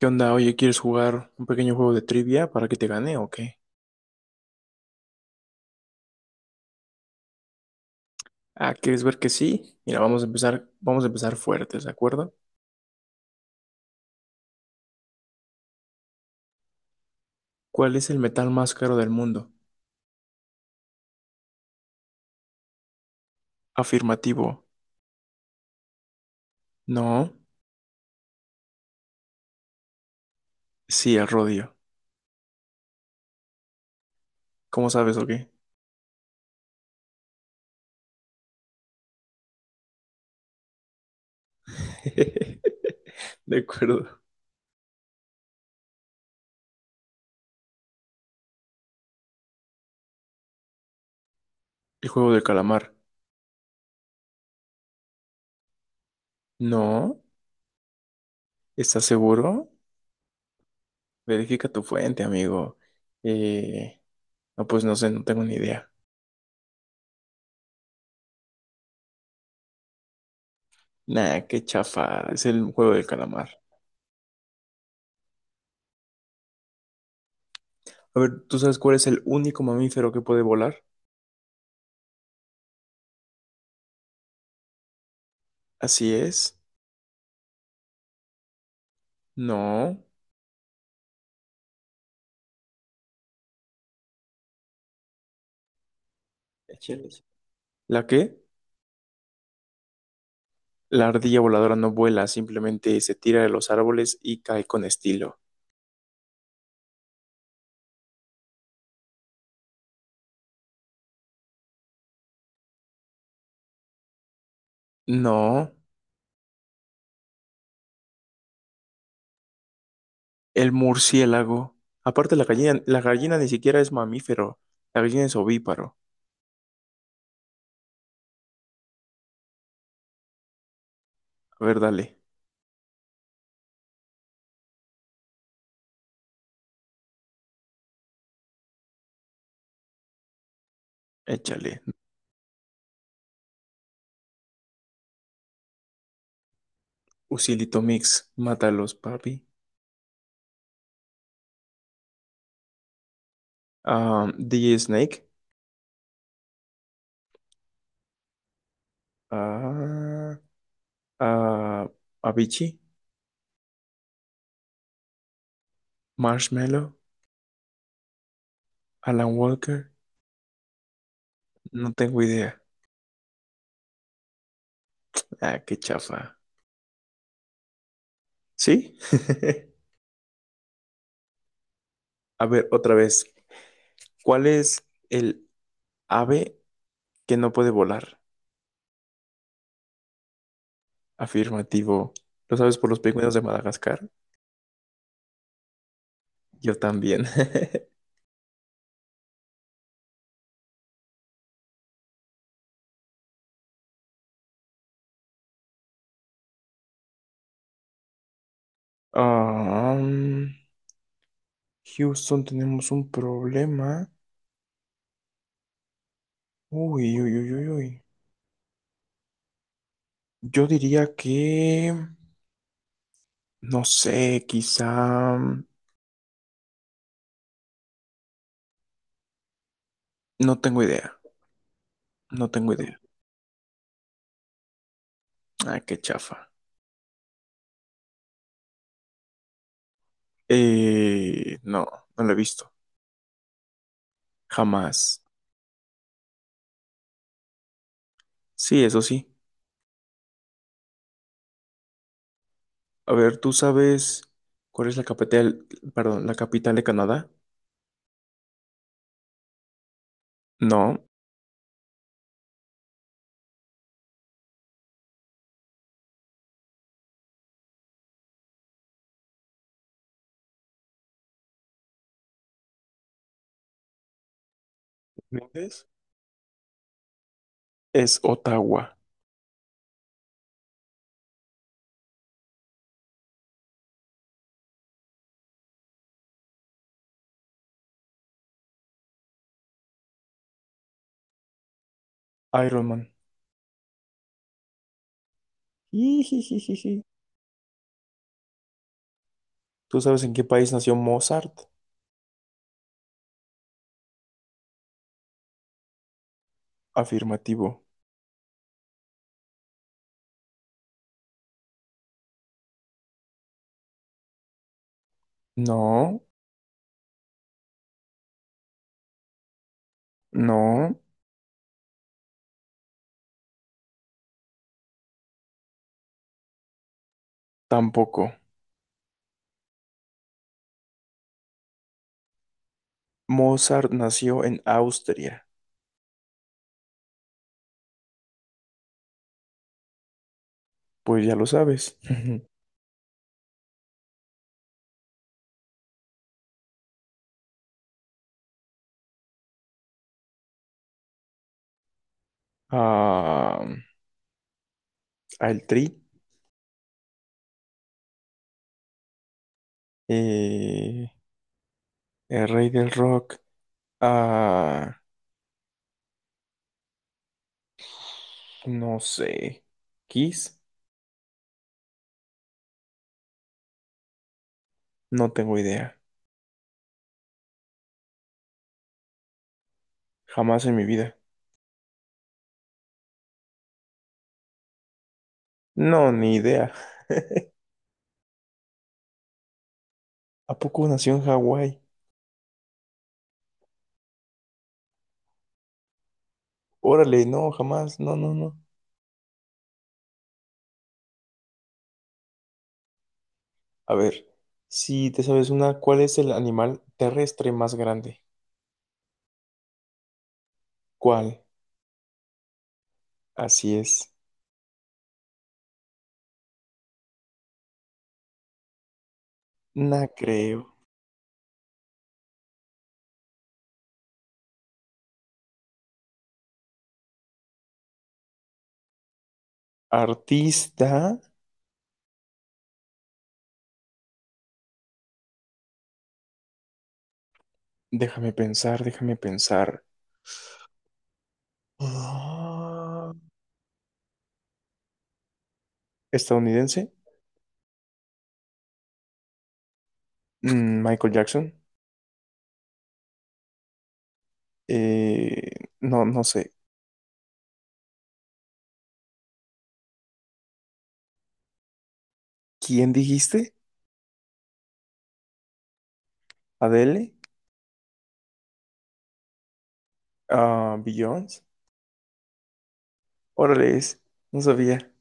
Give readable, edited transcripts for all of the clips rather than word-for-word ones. ¿Qué onda? Oye, ¿quieres jugar un pequeño juego de trivia para que te gane o qué? Ah, ¿quieres ver que sí? Mira, vamos a empezar fuertes, ¿de acuerdo? ¿Cuál es el metal más caro del mundo? Afirmativo. No. Sí, el rodio. ¿Cómo sabes o qué? De acuerdo. El juego del calamar. No. ¿Estás seguro? Verifica tu fuente, amigo. Eh, no, pues no sé, no tengo ni idea. Nah, qué chafa. Es el juego del calamar. A ver, ¿tú sabes cuál es el único mamífero que puede volar? Así es. No. Écheles. ¿La qué? La ardilla voladora no vuela, simplemente se tira de los árboles y cae con estilo. No, el murciélago. Aparte, la gallina ni siquiera es mamífero. La gallina es ovíparo. A ver, dale, échale. Usilito mix, mátalos, papi. Ah, DJ Snake. Ah, ah, Avicii. Marshmallow. Alan Walker. No tengo idea. Ah, qué chafa. ¿Sí? A ver, otra vez. ¿Cuál es el ave que no puede volar? Afirmativo. ¿Lo sabes por los pingüinos de Madagascar? Yo también. Ah, mm, Houston, tenemos un problema. Uy, uy, uy, uy, uy. Yo diría que, no sé, quizá no tengo idea. No tengo idea. Ah, qué chafa. No, no lo he visto. Jamás. Sí, eso sí. A ver, ¿tú sabes cuál es la capital, perdón, la capital de Canadá? No. ¿Mientes? Es Ottawa. Iron Man. Jijijijiji. ¿Tú sabes en qué país nació Mozart? Afirmativo. No, no, tampoco. Mozart nació en Austria. Pues ya lo sabes. Ah, al Tri. eh, el rey del rock. Ah, no sé. Kiss. No tengo idea. Jamás en mi vida. No, ni idea. ¿A poco nació en Hawái? Órale, no, jamás. No, no, no. A ver, si te sabes una, ¿cuál es el animal terrestre más grande? ¿Cuál? Así es. No creo. Artista. Déjame pensar, déjame pensar. Ah, ¿estadounidense? Mm, Michael Jackson. Eh, no, no sé. ¿Quién dijiste? ¿Adele? Ah, Beyoncé. Órale, es. No sabía.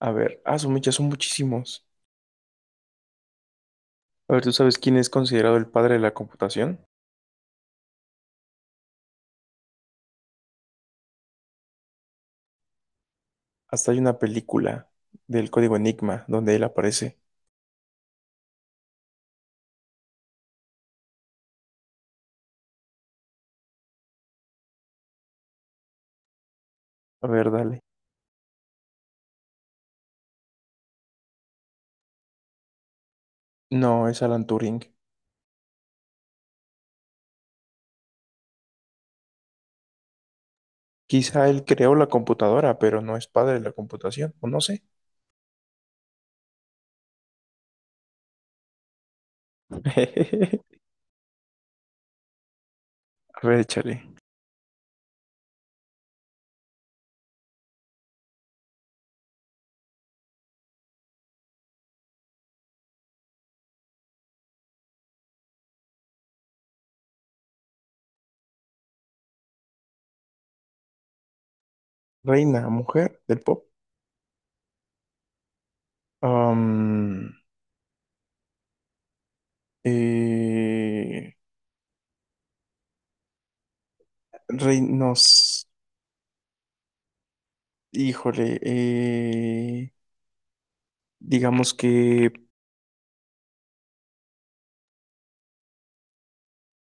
A ver, ah, su mecha, son muchísimos. A ver, ¿tú sabes quién es considerado el padre de la computación? Hasta hay una película del código Enigma donde él aparece. A ver, dale. No, es Alan Turing. Quizá él creó la computadora, pero no es padre de la computación, o no sé. A ver, échale. Reina, mujer del pop. Am, eh, Reinos, híjole, digamos que,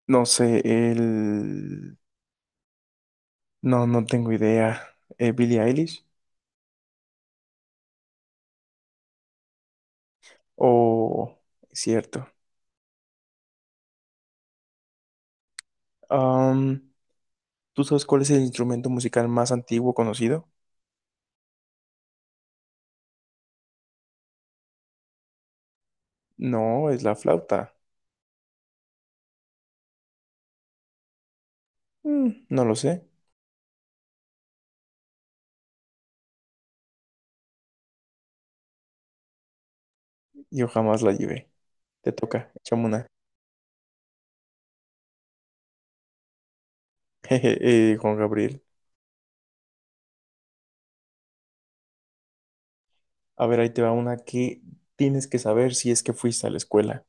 no sé, el... No, no tengo idea. ¿Billie Eilish? O cierto. Am, ¿Tú sabes cuál es el instrumento musical más antiguo conocido? No, es la flauta. Mm, no lo sé. Yo jamás la llevé. Te toca, échame una. Jeje, Juan Gabriel. A ver, ahí te va una que tienes que saber si es que fuiste a la escuela.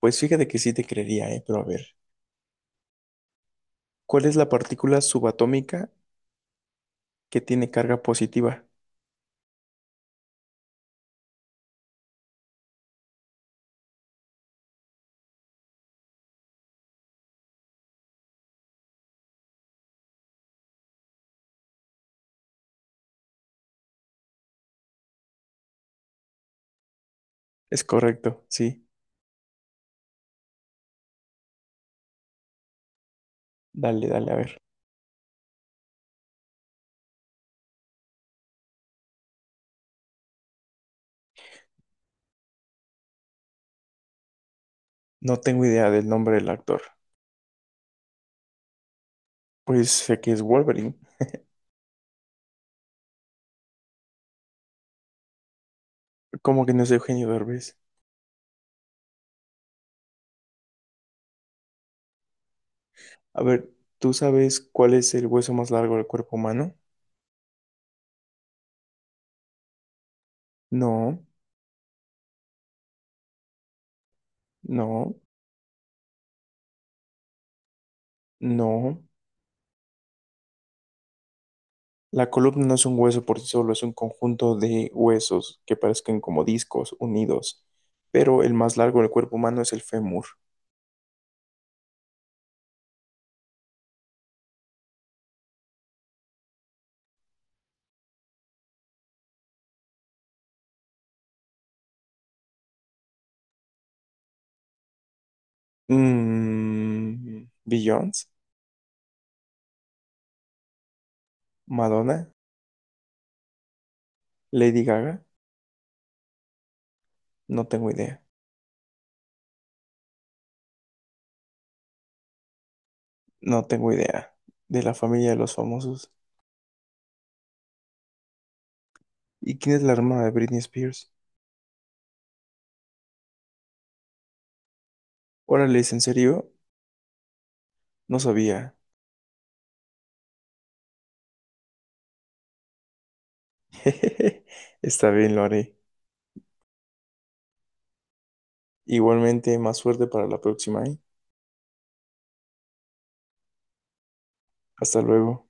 Pues fíjate que sí te creería, pero a ver. ¿Cuál es la partícula subatómica que tiene carga positiva? Es correcto, sí. Dale, dale, a ver. No tengo idea del nombre del actor. Pues sé que es Wolverine. Como que no es Eugenio Derbez. A ver, ¿tú sabes cuál es el hueso más largo del cuerpo humano? No, no, no. La columna no es un hueso por sí solo, es un conjunto de huesos que parecen como discos unidos. Pero el más largo del cuerpo humano es el fémur. Mmm. Beyoncé, Madonna, Lady Gaga. No tengo idea. No tengo idea. De la familia de los famosos. ¿Y quién es la hermana de Britney Spears? Órale, ¿es en serio? No sabía. Está bien, lo haré. Igualmente, más suerte para la próxima, ¿eh? Hasta luego.